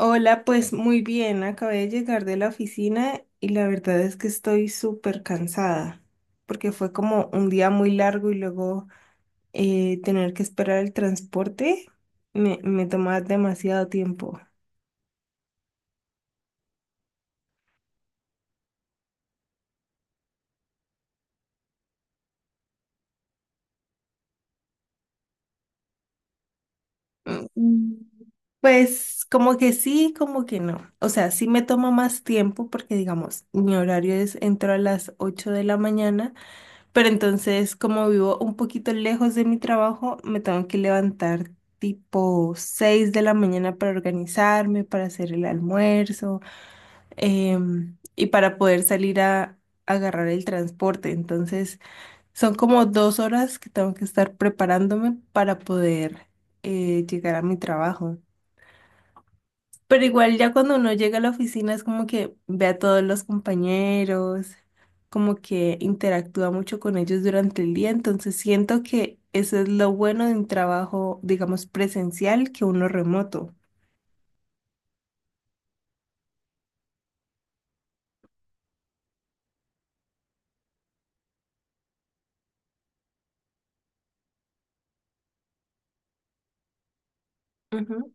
Hola, pues muy bien, acabé de llegar de la oficina y la verdad es que estoy súper cansada porque fue como un día muy largo y luego tener que esperar el transporte me tomaba demasiado tiempo. Mm, Pues como que sí, como que no. O sea, sí me toma más tiempo porque, digamos, mi horario es entro a las 8 de la mañana. Pero entonces, como vivo un poquito lejos de mi trabajo, me tengo que levantar tipo 6 de la mañana para organizarme, para hacer el almuerzo, y para poder salir a agarrar el transporte. Entonces, son como 2 horas que tengo que estar preparándome para poder llegar a mi trabajo. Pero igual ya cuando uno llega a la oficina es como que ve a todos los compañeros, como que interactúa mucho con ellos durante el día, entonces siento que eso es lo bueno de un trabajo, digamos, presencial que uno remoto. Ujú.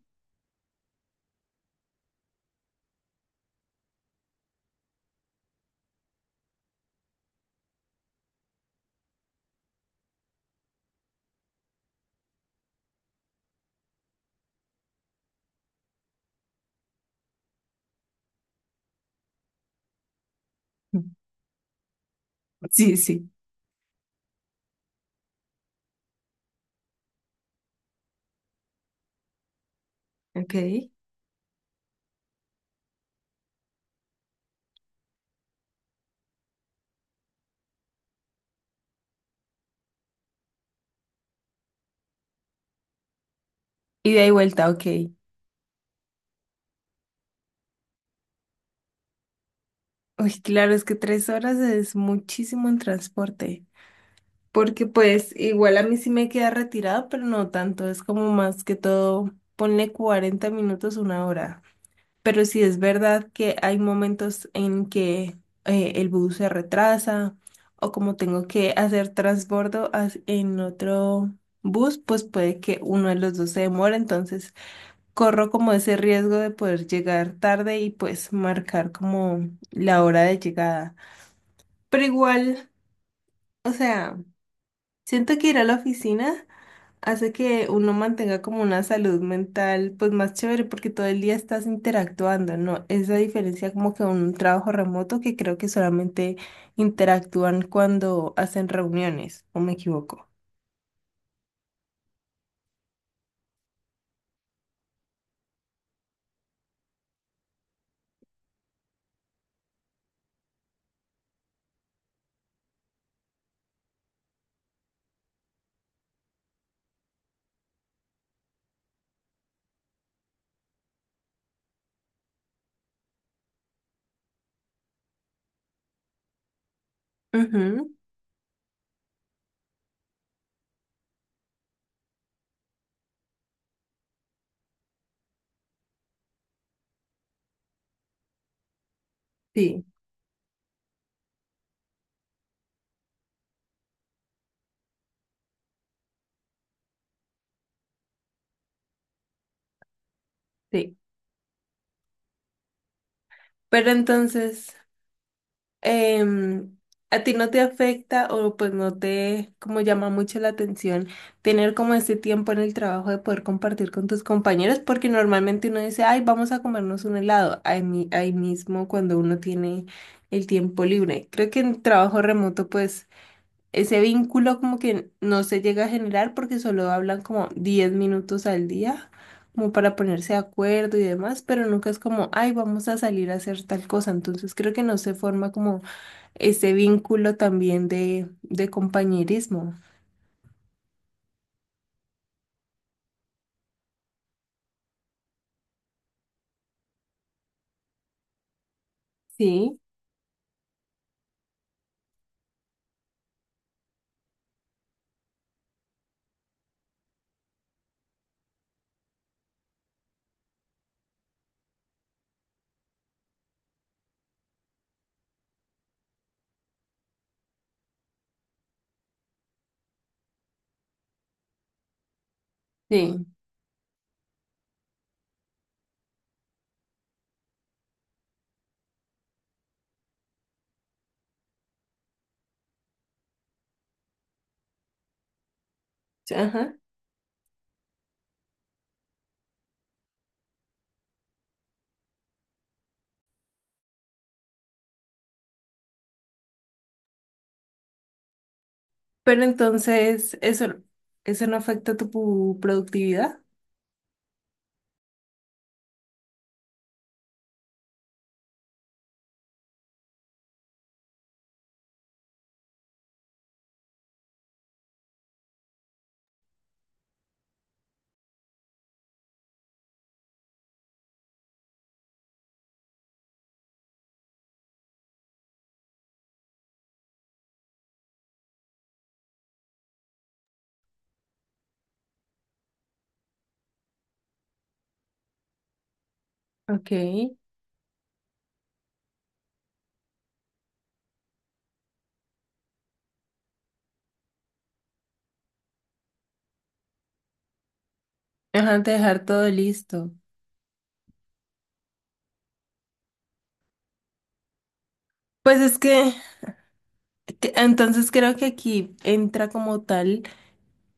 Sí, sí, ok. Ida y vuelta, ok. Uy, claro, es que 3 horas es muchísimo en transporte, porque pues igual a mí sí me queda retirado, pero no tanto, es como más que todo, ponle 40 minutos, 1 hora. Pero sí es verdad que hay momentos en que el bus se retrasa o como tengo que hacer transbordo en otro bus, pues puede que uno de los dos se demore, entonces corro como ese riesgo de poder llegar tarde y pues marcar como la hora de llegada. Pero igual, o sea, siento que ir a la oficina hace que uno mantenga como una salud mental pues más chévere porque todo el día estás interactuando, ¿no? Esa diferencia como que un trabajo remoto que creo que solamente interactúan cuando hacen reuniones, ¿o me equivoco? Ujú, sí, sí. Pero entonces, em, ¿a ti no te afecta o pues no te como llama mucho la atención tener como ese tiempo en el trabajo de poder compartir con tus compañeros? Porque normalmente uno dice, ay, vamos a comernos un helado ahí, ahí mismo cuando uno tiene el tiempo libre. Creo que en trabajo remoto pues ese vínculo como que no se llega a generar porque solo hablan como 10 minutos al día, como para ponerse de acuerdo y demás, pero nunca es como, ay, vamos a salir a hacer tal cosa. Entonces creo que no se forma como ese vínculo también de compañerismo. Sí, sí, sí, ajá. Pero entonces, eso no afecta tu productividad. Ok. Ajá, de dejar todo listo. Pues es que, entonces creo que aquí entra como tal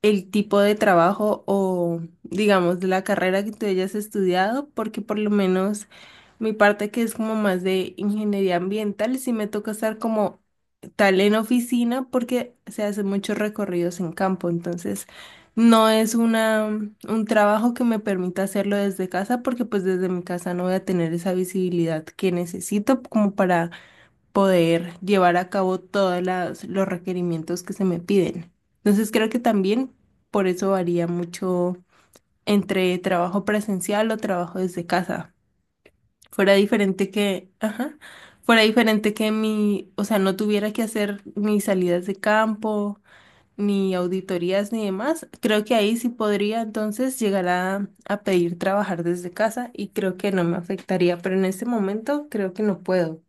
el tipo de trabajo o, digamos, la carrera que tú hayas estudiado, porque por lo menos mi parte que es como más de ingeniería ambiental, sí me toca estar como tal en oficina porque se hacen muchos recorridos en campo, entonces no es una, un trabajo que me permita hacerlo desde casa porque pues desde mi casa no voy a tener esa visibilidad que necesito como para poder llevar a cabo todos los requerimientos que se me piden. Entonces creo que también por eso varía mucho entre trabajo presencial o trabajo desde casa. Fuera diferente que, ajá, fuera diferente que mi, o sea, no tuviera que hacer ni salidas de campo, ni auditorías, ni demás. Creo que ahí sí podría entonces llegar a pedir trabajar desde casa y creo que no me afectaría, pero en este momento creo que no puedo.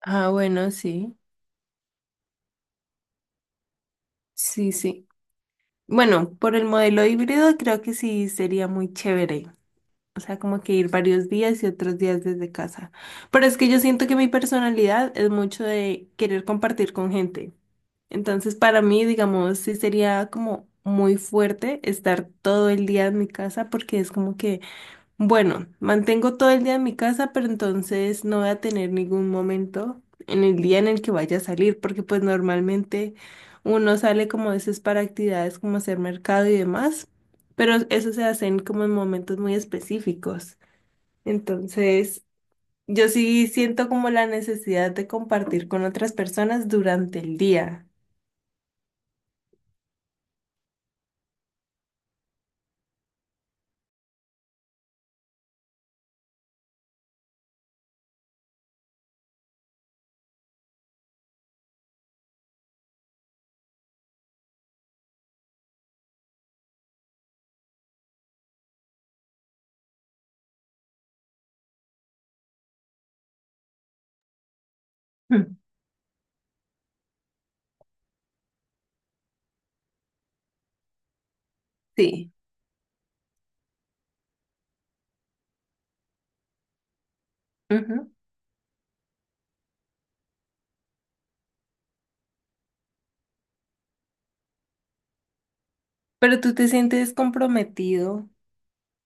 Ah, bueno, sí, sí, sí. Bueno, por el modelo híbrido creo que sí sería muy chévere. O sea, como que ir varios días y otros días desde casa. Pero es que yo siento que mi personalidad es mucho de querer compartir con gente. Entonces, para mí, digamos, sí sería como muy fuerte estar todo el día en mi casa porque es como que bueno, mantengo todo el día en mi casa, pero entonces no voy a tener ningún momento en el día en el que vaya a salir, porque pues normalmente uno sale como a veces para actividades como hacer mercado y demás, pero eso se hacen como en momentos muy específicos. Entonces, yo sí siento como la necesidad de compartir con otras personas durante el día. Mm. Sí, ujú. ¿Pero tú te sientes comprometido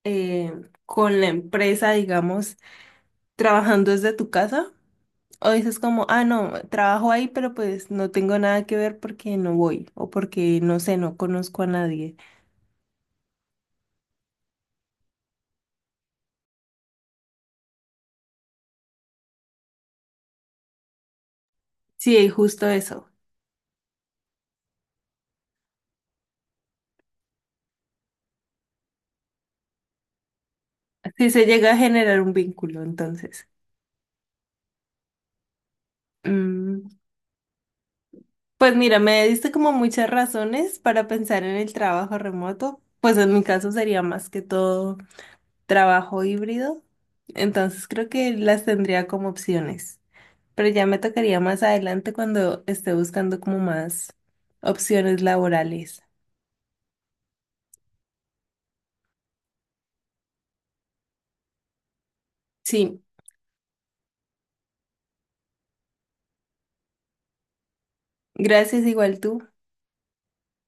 eh, con la empresa, digamos, trabajando desde tu casa? ¿O dices como, ah, no, trabajo ahí, pero pues no tengo nada que ver porque no voy o porque no sé, no conozco a nadie? Sí, justo eso. Si se llega a generar un vínculo, entonces. Mm, pues mira, me diste como muchas razones para pensar en el trabajo remoto. Pues en mi caso sería más que todo trabajo híbrido. Entonces creo que las tendría como opciones. Pero ya me tocaría más adelante cuando esté buscando como más opciones laborales. Sí, gracias igual tú.